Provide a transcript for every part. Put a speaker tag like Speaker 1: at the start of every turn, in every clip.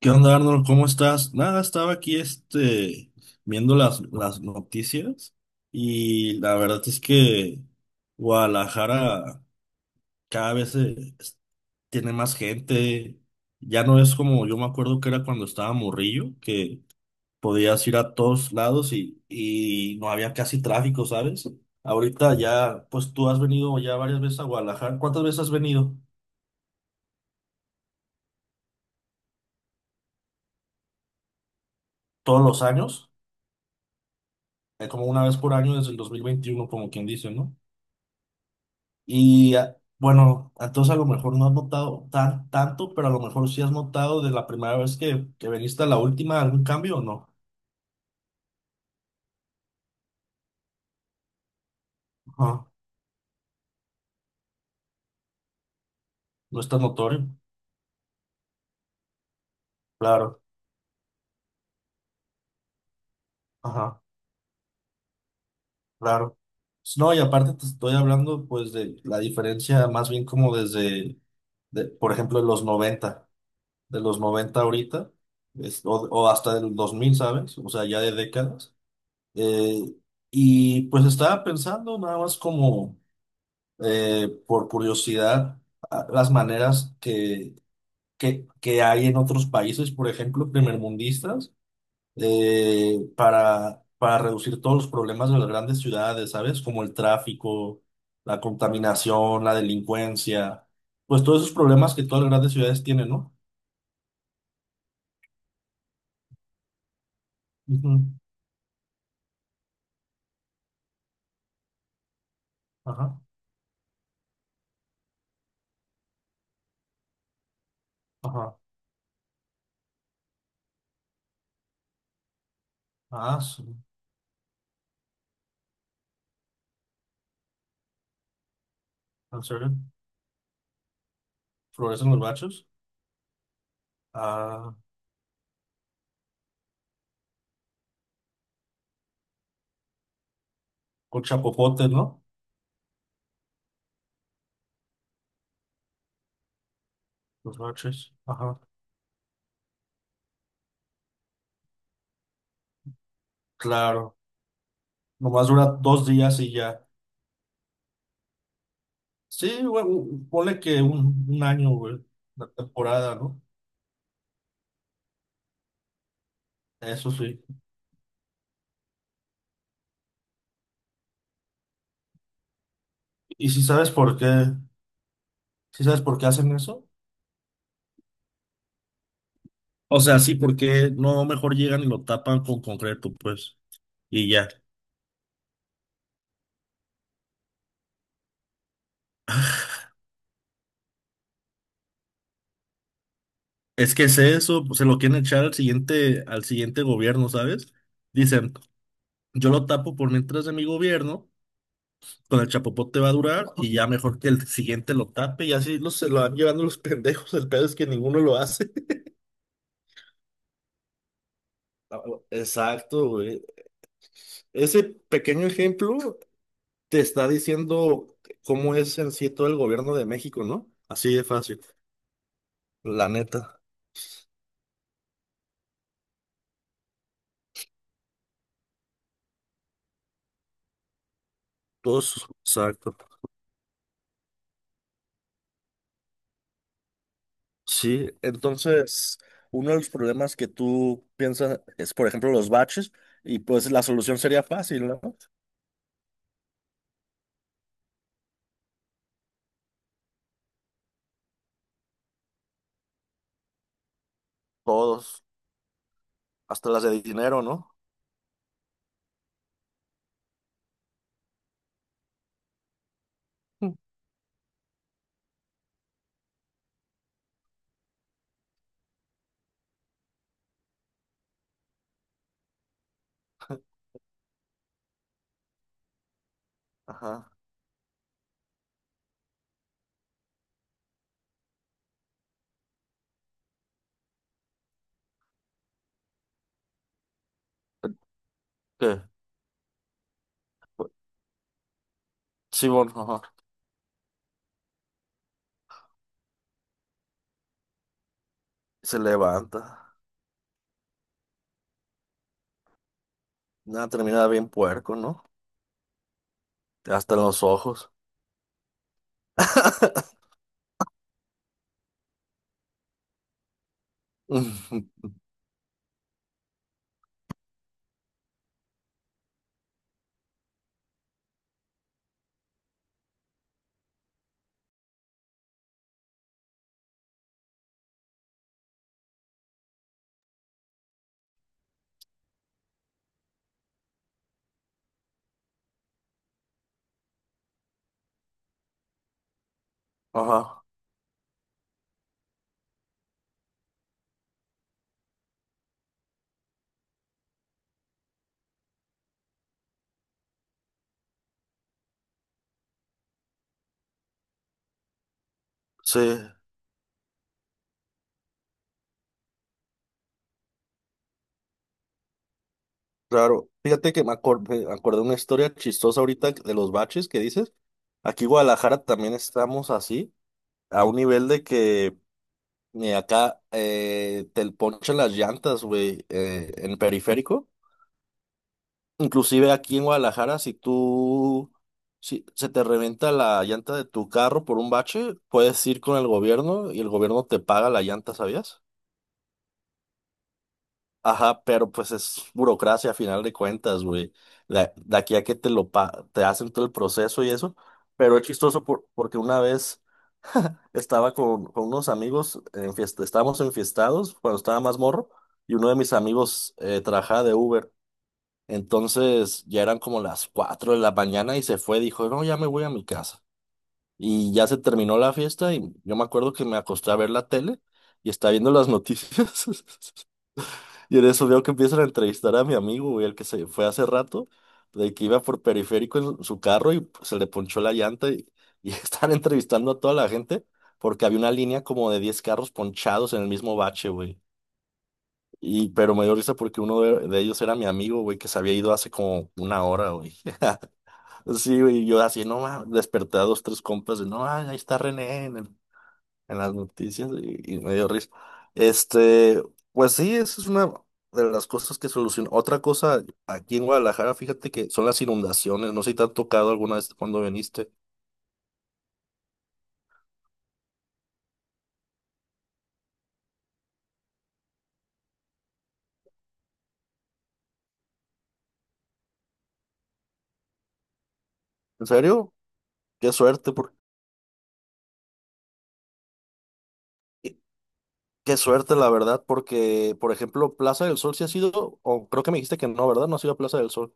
Speaker 1: ¿Qué onda, Arnold? ¿Cómo estás? Nada, estaba aquí viendo las noticias y la verdad es que Guadalajara cada vez tiene más gente. Ya no es como yo me acuerdo que era cuando estaba morrillo, que podías ir a todos lados y no había casi tráfico, ¿sabes? Ahorita ya, pues tú has venido ya varias veces a Guadalajara. ¿Cuántas veces has venido? ¿Todos los años? Como una vez por año desde el 2021 como quien dice, ¿no? Y bueno, entonces a lo mejor no has notado tanto, pero a lo mejor sí has notado de la primera vez que viniste a la última algún cambio o no. Ajá. No es tan notorio. Claro, ajá, claro. No, y aparte te estoy hablando pues de la diferencia más bien como de, por ejemplo, de los noventa ahorita, o hasta del 2000, ¿sabes? O sea, ya de décadas. Eh, y pues estaba pensando nada más como, por curiosidad, las maneras que hay en otros países, por ejemplo, primermundistas, para, reducir todos los problemas de las grandes ciudades, ¿sabes? Como el tráfico, la contaminación, la delincuencia, pues todos esos problemas que todas las grandes ciudades tienen, ¿no? Ujú. Ajá, ajá. Ah, sí. ¿En serio? ¿Florecen los bachos? Ah, con chapopotes, ¿no? Los baches. Ajá. Claro. Nomás dura 2 días y ya. Sí, güey, ponle que un año, güey, la temporada, ¿no? Eso sí. ¿Y si sabes por qué? ¿Si sabes por qué hacen eso? O sea, sí, porque no mejor llegan y lo tapan con concreto, pues, y ya. Es que es eso, pues, se lo quieren echar al siguiente gobierno, ¿sabes? Dicen, yo lo tapo por mientras de mi gobierno, con el chapopote va a durar, y ya mejor que el siguiente lo tape, y así se lo van llevando los pendejos, el pedo es que ninguno lo hace. Exacto, güey. Ese pequeño ejemplo te está diciendo cómo es en sí todo el gobierno de México, ¿no? Así de fácil, la neta. Todos, exacto. Sí, entonces, uno de los problemas que tú piensas es, por ejemplo, los baches, y pues la solución sería fácil, ¿no? Todos, hasta las de dinero, ¿no? Ajá. ¿Qué? Sí, bueno, ajá. Se levanta. Nada, termina bien puerco, ¿no? Hasta en los ojos. Ujú, ajá, sí. Claro, fíjate que me acordé de una historia chistosa ahorita de los baches que dices. Aquí en Guadalajara también estamos así, a un nivel de que acá te ponchan las llantas, güey, en periférico. Inclusive aquí en Guadalajara, si se te reventa la llanta de tu carro por un bache, puedes ir con el gobierno y el gobierno te paga la llanta, ¿sabías? Ajá, pero pues es burocracia a final de cuentas, güey. Aquí a que te hacen todo el proceso y eso. Pero es chistoso porque una vez estaba con unos amigos, en fiesta, estábamos enfiestados cuando estaba más morro, y uno de mis amigos trabajaba de Uber. Entonces ya eran como las 4 de la mañana y se fue, dijo, no, ya me voy a mi casa. Y ya se terminó la fiesta y yo me acuerdo que me acosté a ver la tele y estaba viendo las noticias. Y en eso veo que empiezan a entrevistar a mi amigo, güey, el que se fue hace rato, de que iba por periférico en su carro y pues, se le ponchó la llanta y están entrevistando a toda la gente porque había una línea como de 10 carros ponchados en el mismo bache, güey. Y, pero me dio risa porque uno de ellos era mi amigo, güey, que se había ido hace como una hora, güey. Sí, güey, yo así, no, ma, desperté a dos, tres compas no, ahí está René, en las noticias y me dio risa. Este, pues sí, esa es una de las cosas que soluciona. Otra cosa, aquí en Guadalajara, fíjate que son las inundaciones. No sé si te han tocado alguna vez cuando viniste. ¿En serio? Qué suerte, qué suerte, la verdad, porque, por ejemplo, Plaza del Sol sí ha sido, o creo que me dijiste que no, ¿verdad? No ha sido Plaza del Sol.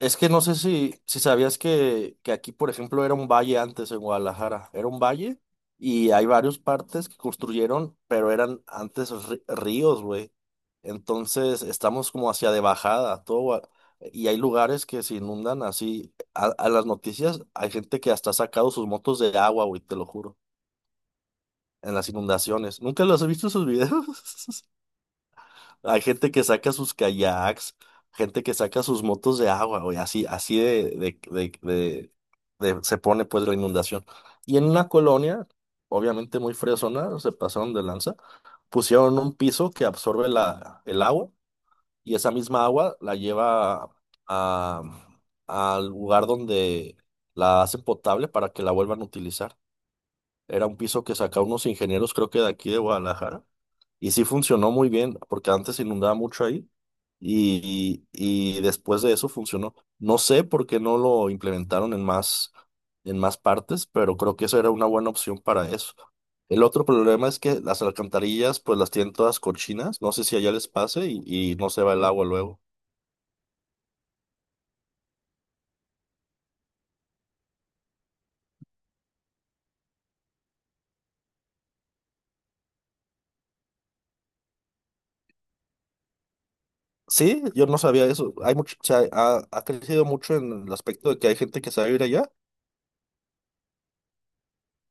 Speaker 1: Es que no sé si sabías que aquí, por ejemplo, era un valle antes en Guadalajara. Era un valle y hay varios partes que construyeron, pero eran antes ríos, güey. Entonces estamos como hacia de bajada, todo. Y hay lugares que se inundan así. A las noticias hay gente que hasta ha sacado sus motos de agua, güey, te lo juro, en las inundaciones. ¿Nunca los has visto sus videos? Hay gente que saca sus kayaks, gente que saca sus motos de agua, güey, así, así de se pone pues la inundación. Y en una colonia, obviamente muy fresona, se pasaron de lanza, pusieron un piso que absorbe el agua y esa misma agua la lleva a, al lugar donde la hacen potable para que la vuelvan a utilizar. Era un piso que sacaron unos ingenieros, creo que de aquí de Guadalajara y sí funcionó muy bien, porque antes se inundaba mucho ahí y después de eso funcionó. No sé por qué no lo implementaron en más partes, pero creo que eso era una buena opción para eso. El otro problema es que las alcantarillas pues las tienen todas cochinas, no sé si allá les pase y no se va el agua luego. Sí, yo no sabía eso. Hay mucho, o sea, ha crecido mucho en el aspecto de que hay gente que se va a ir allá,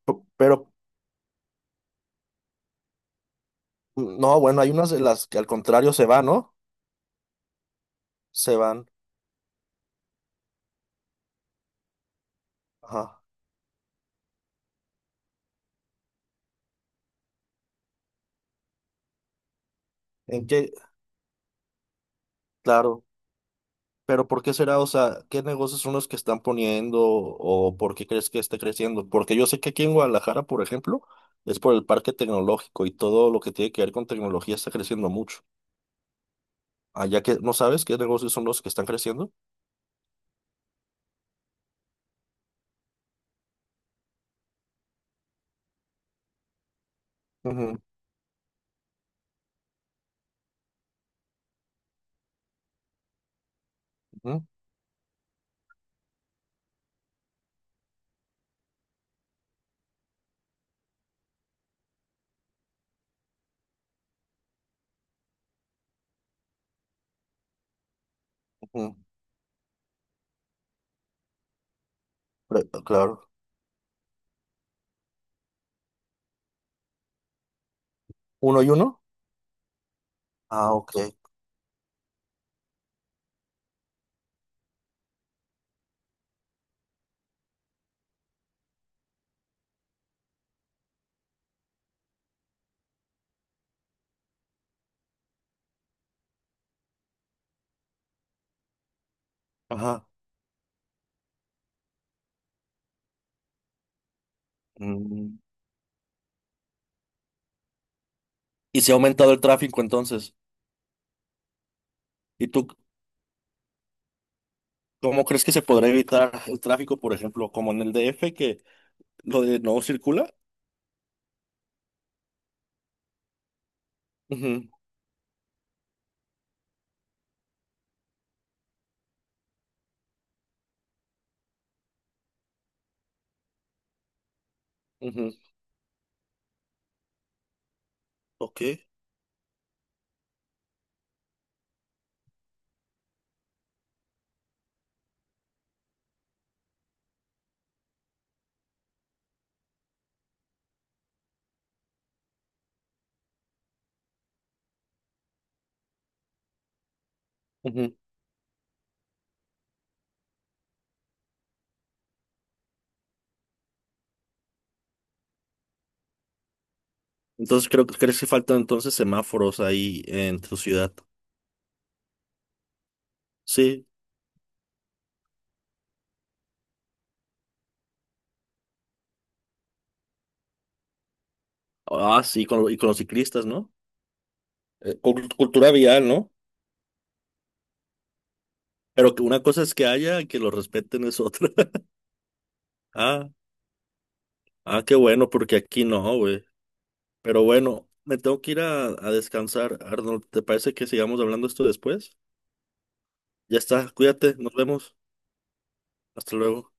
Speaker 1: pero no, bueno, hay unas de las que al contrario se van, ¿no? Se van. Ajá. ¿En qué, claro, pero ¿por qué será? O sea, ¿qué negocios son los que están poniendo o por qué crees que esté creciendo? Porque yo sé que aquí en Guadalajara, por ejemplo, es por el parque tecnológico y todo lo que tiene que ver con tecnología está creciendo mucho. Allá que no sabes qué negocios son los que están creciendo. Ujú, ujú, ujú. Claro. ¿Uno y uno? Ah, ok. Ajá. Mm. ¿Y se ha aumentado el tráfico entonces? ¿Y tú cómo crees que se podrá evitar el tráfico, por ejemplo, como en el DF, que lo de no circula? Ujú, ujú. Ok. Ujú. Entonces creo que crees que faltan entonces semáforos ahí en tu ciudad. Sí. Ah, sí, y con los ciclistas, ¿no? Cultura vial, ¿no? Pero que una cosa es que haya y que lo respeten es otra. Ah, ah, qué bueno, porque aquí no, güey. Pero bueno, me tengo que ir a descansar, Arnold. ¿Te parece que sigamos hablando esto después? Ya está, cuídate, nos vemos. Hasta luego.